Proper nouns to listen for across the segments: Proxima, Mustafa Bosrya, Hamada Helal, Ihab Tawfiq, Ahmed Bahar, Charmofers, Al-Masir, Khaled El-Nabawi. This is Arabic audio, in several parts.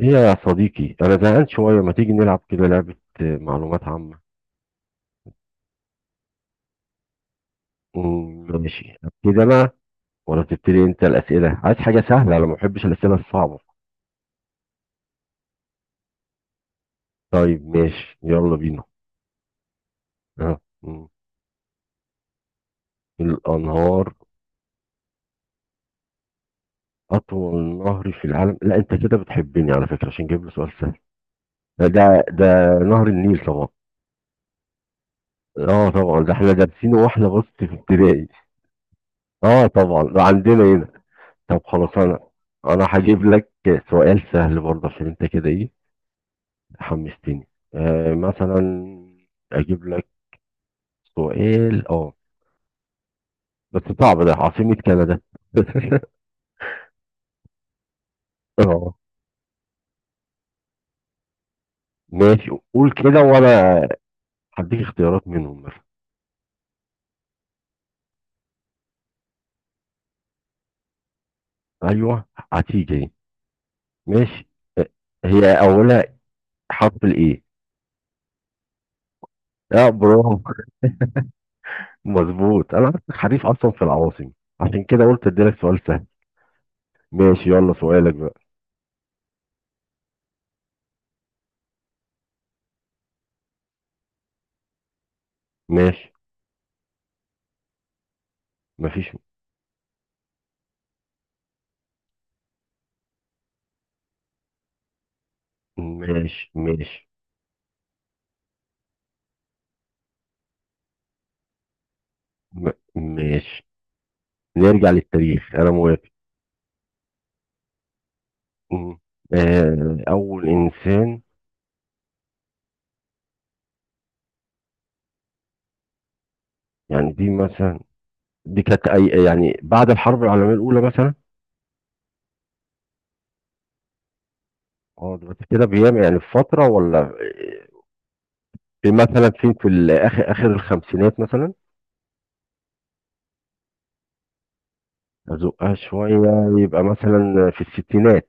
ايه يا صديقي، انا زهقان شويه، ما تيجي نلعب كده لعبه؟ آه، معلومات عامه. ماشي، ابتدي انا، ولا تبتدي انت الاسئله؟ عايز حاجه سهله، انا ما بحبش الاسئله الصعبه. طيب ماشي، يلا بينا. أه. الانهار. اطول نهر في العالم؟ لا، انت كده بتحبني على فكره عشان جايب لي سؤال سهل. ده ده ده نهر النيل طبعا. اه طبعا، ده احنا دارسينه واحنا، بص، في ابتدائي. اه طبعا، ده عندنا هنا. طب خلاص، انا هجيب لك سؤال سهل برضه عشان انت كده ايه، حمستني. مثلا اجيب لك سؤال، بس صعب. ده عاصمة كندا. اه ماشي، قول كده وانا هديك اختيارات منهم مثلا. ايوه، هتيجي دي. ماشي. آه، هي اولها حرف الايه. اه، برافو. مظبوط، انا عارفك حريف اصلا في العواصم، عشان كده قلت اديلك سؤال سهل. ماشي، يلا سؤالك بقى. ماشي. مفيش. ماشي، ماشي. م- ماشي. نرجع للتاريخ، انا موافق. مم. آه، أول إنسان. يعني دي مثلا، دي كانت أي، يعني بعد الحرب العالمية الأولى مثلا. اه دلوقتي كده بيام، يعني في فترة ولا؟ في مثلا فين، في الآخر آخر الخمسينات مثلا. أزقها شوية. يبقى مثلا في الستينات.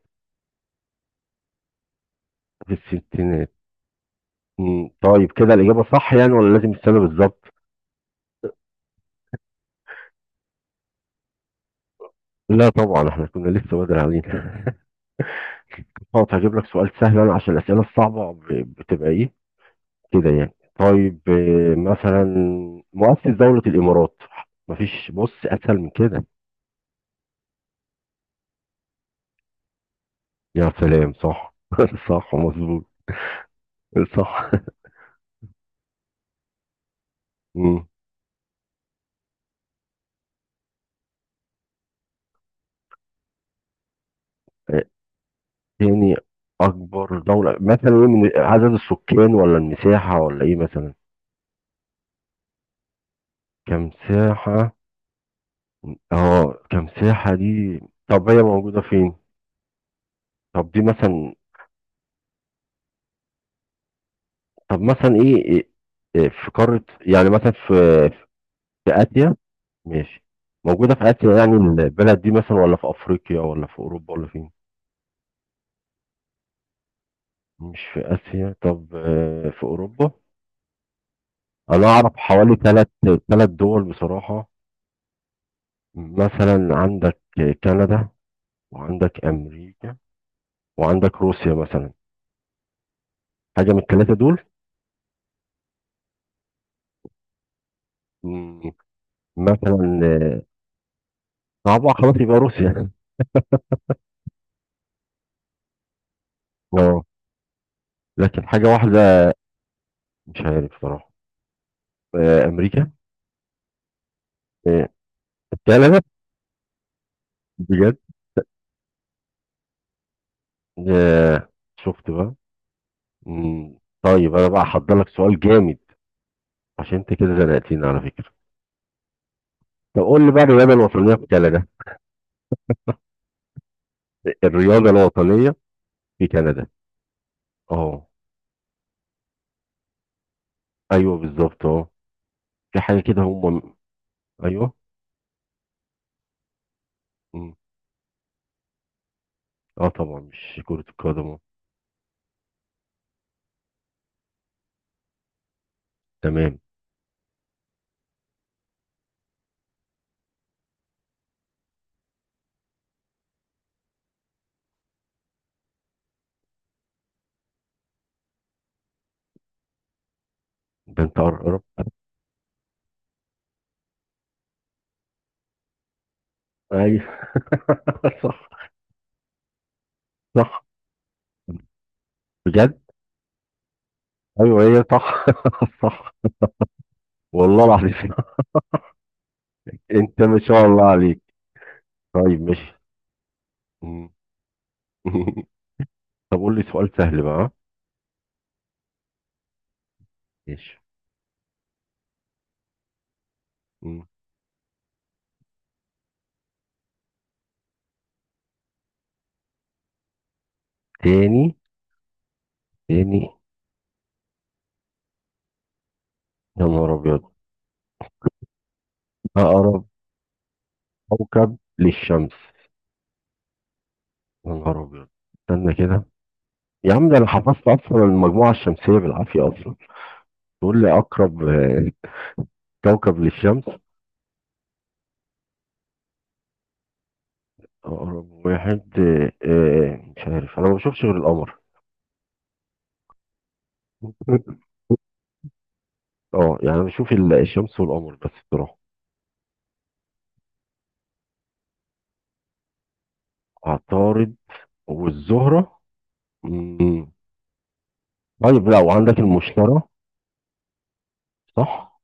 في الستينات. مم. طيب كده الإجابة صح يعني، ولا لازم السنة بالظبط؟ لا طبعا، احنا كنا لسه بدري علينا. طب هجيب لك سؤال سهل أنا، عشان الأسئلة الصعبة بتبقى إيه كده يعني. طيب، مثلا مؤسس دولة الإمارات. مفيش بص أسهل من كده. يا سلام، صح! صح، مظبوط. صح. مم. آه، تاني أكبر دولة مثلا إيه، من عدد السكان ولا المساحة ولا إيه مثلا؟ كم ساحة. اه، كم ساحة دي. طب هي موجودة فين؟ طب دي مثلا. طب مثلا إيه، في قارة يعني، مثلا في في آسيا. ماشي، موجودة في آسيا يعني، البلد دي مثلا، ولا في أفريقيا ولا في أوروبا ولا فين؟ مش في آسيا؟ طب في أوروبا. أنا أعرف حوالي ثلاث دول بصراحة. مثلا عندك كندا، وعندك أمريكا، وعندك روسيا مثلا، حاجة من الثلاثة دول. مم، مثلا صعبة، خلاص يبقى روسيا. اه، لكن حاجة واحدة مش عارف صراحة. آه، أمريكا. آه، كندا. بجد؟ آه، شفت بقى. مم. طيب انا بقى هحضر لك سؤال جامد عشان انت كده زنقتني على فكره. طب قول لي بقى، الرياضه الوطنيه في كندا. الرياضه الوطنيه في كندا. اه. ايوه بالظبط، اه. في حاجه كده هم. ايوه. مم. اه طبعا مش كره القدم. أه. تمام. ده انت قرب. ايوه. صح، صح، بجد. ايوه، هي صح. صح. والله العظيم. انت ما شاء الله عليك. طيب، ماشي. مم. طب قول لي سؤال سهل بقى. ماشي. مم. تاني، تاني، يا نهار أبيض! أقرب كوكب للشمس. يا نهار أبيض، استنى كده. يا عم، ده أنا حفظت أصلا المجموعة الشمسية بالعافية أصلا. تقول لي أقرب، كوكب للشمس. أقرب واحد؟ مش عارف، أنا ما بشوفش غير القمر. أه يعني أنا بشوف الشمس والقمر بس بصراحة. عطارد والزهرة. مم. طيب، لا، وعندك المشتري. صح؟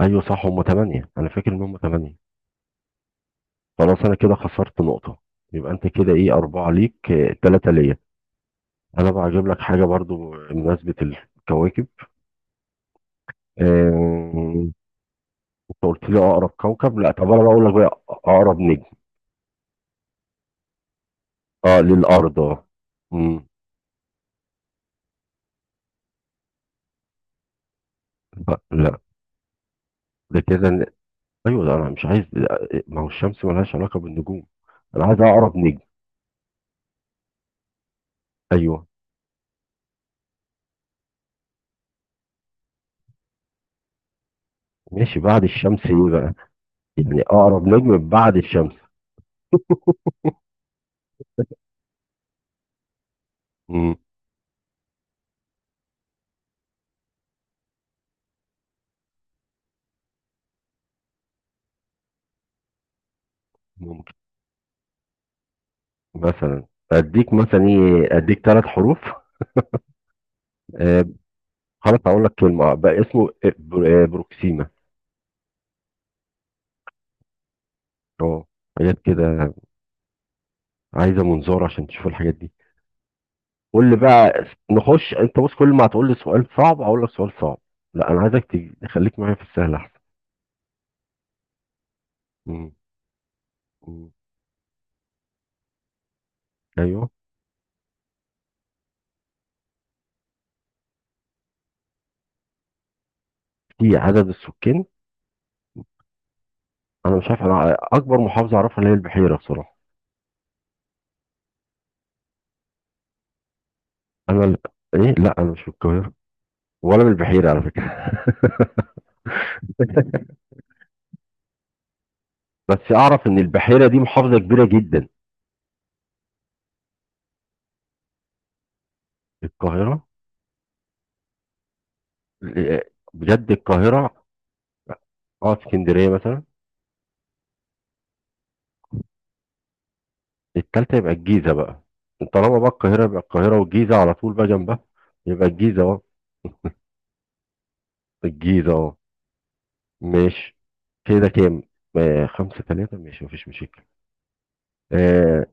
أيوه صح، هما تمانية، أنا فاكر إن هما تمانية. خلاص، انا كده خسرت نقطة، يبقى انت كده ايه، اربعة ليك، تلاتة ليا. انا بقى هجيب لك حاجة برضو بمناسبة الكواكب. آه، انت قلت لي اقرب كوكب، لا طب انا بقول لك بقى اقرب نجم. اه، للارض، اه. مم. لا، لا، ده كده ايوه، ده انا مش عايز. لا، ما هو الشمس ملهاش علاقة بالنجوم، انا عايز اقرب نجم. ايوه. ماشي، بعد الشمس ايه بقى؟ يعني اقرب نجم بعد الشمس. مم. ممكن. مثلا اديك مثلا ايه، اديك ثلاث حروف. آه، خلاص هقول لك كلمة، بقى اسمه بروكسيما. اه، حاجات كده عايزة منظار عشان تشوف الحاجات دي. قول لي بقى، نخش. انت بص، كل ما هتقول لي سؤال صعب هقول لك سؤال صعب. لا، انا عايزك تخليك معايا في السهل احسن. مم. مم. ايوه، في عدد السكان. انا مش عارف، انا اكبر محافظة اعرفها اللي هي البحيرة بصراحة. انا ايه، لا، انا مش من القاهرة ولا من البحيرة على فكرة. بس اعرف ان البحيرة دي محافظة كبيرة جدا. القاهرة. آه، بجد القاهرة؟ اه، اسكندرية مثلا. التالتة؟ يبقى الجيزة بقى. طالما بقى القاهرة، يبقى القاهرة والجيزة على طول بقى جنبها. يبقى الجيزة، اه. الجيزة، اه. ماشي، كده كام؟ آه، خمسة تلاتة، ماشي مفيش مشاكل. آه،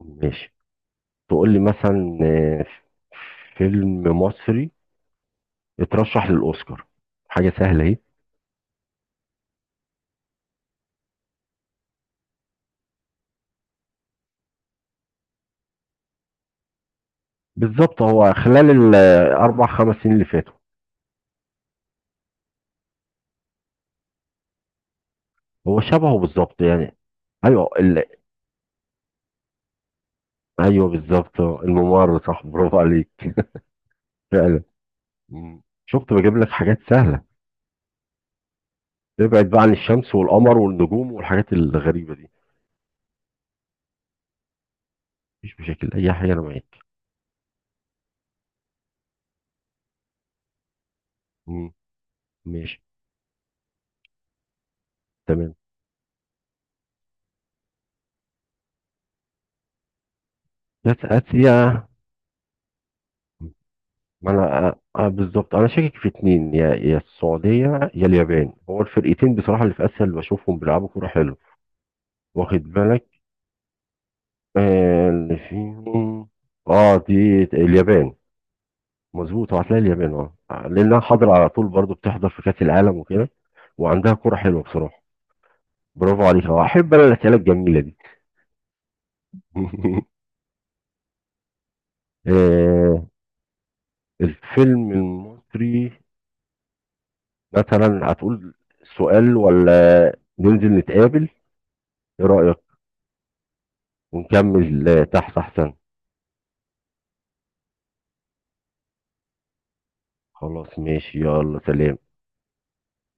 ماشي، تقول لي مثلا، فيلم مصري اترشح للأوسكار، حاجة سهلة اهي. بالظبط، هو خلال الأربع خمس سنين اللي فاتوا. هو شبهه بالظبط يعني. أيوه، أيوه بالظبط، آه، الممر، صح، برافو عليك. فعلا. مم. شفت بجيب لك حاجات سهلة، ابعد بقى عن الشمس والقمر والنجوم والحاجات الغريبة دي. مفيش مشاكل، أي حاجة أنا معاك. مم. ماشي، تمام. جت آسيا. ما أنا، بالظبط، أنا شاكك في اتنين، يا السعودية يا اليابان، هو الفرقتين بصراحة اللي في آسيا اللي بشوفهم بيلعبوا كورة حلو. واخد بالك، آه، اللي فيهم اه دي اليابان. مظبوط، هو هتلاقي اليابان، اه لأنها حاضرة على طول، برضو بتحضر في كأس العالم وكده، وعندها كورة حلوة بصراحة. برافو عليك، اهو احب انا الاسئله الجميله دي. آه، الفيلم المصري مثلا، هتقول سؤال ولا ننزل نتقابل؟ ايه رأيك، ونكمل تحت احسن. خلاص، ماشي، يلا سلام.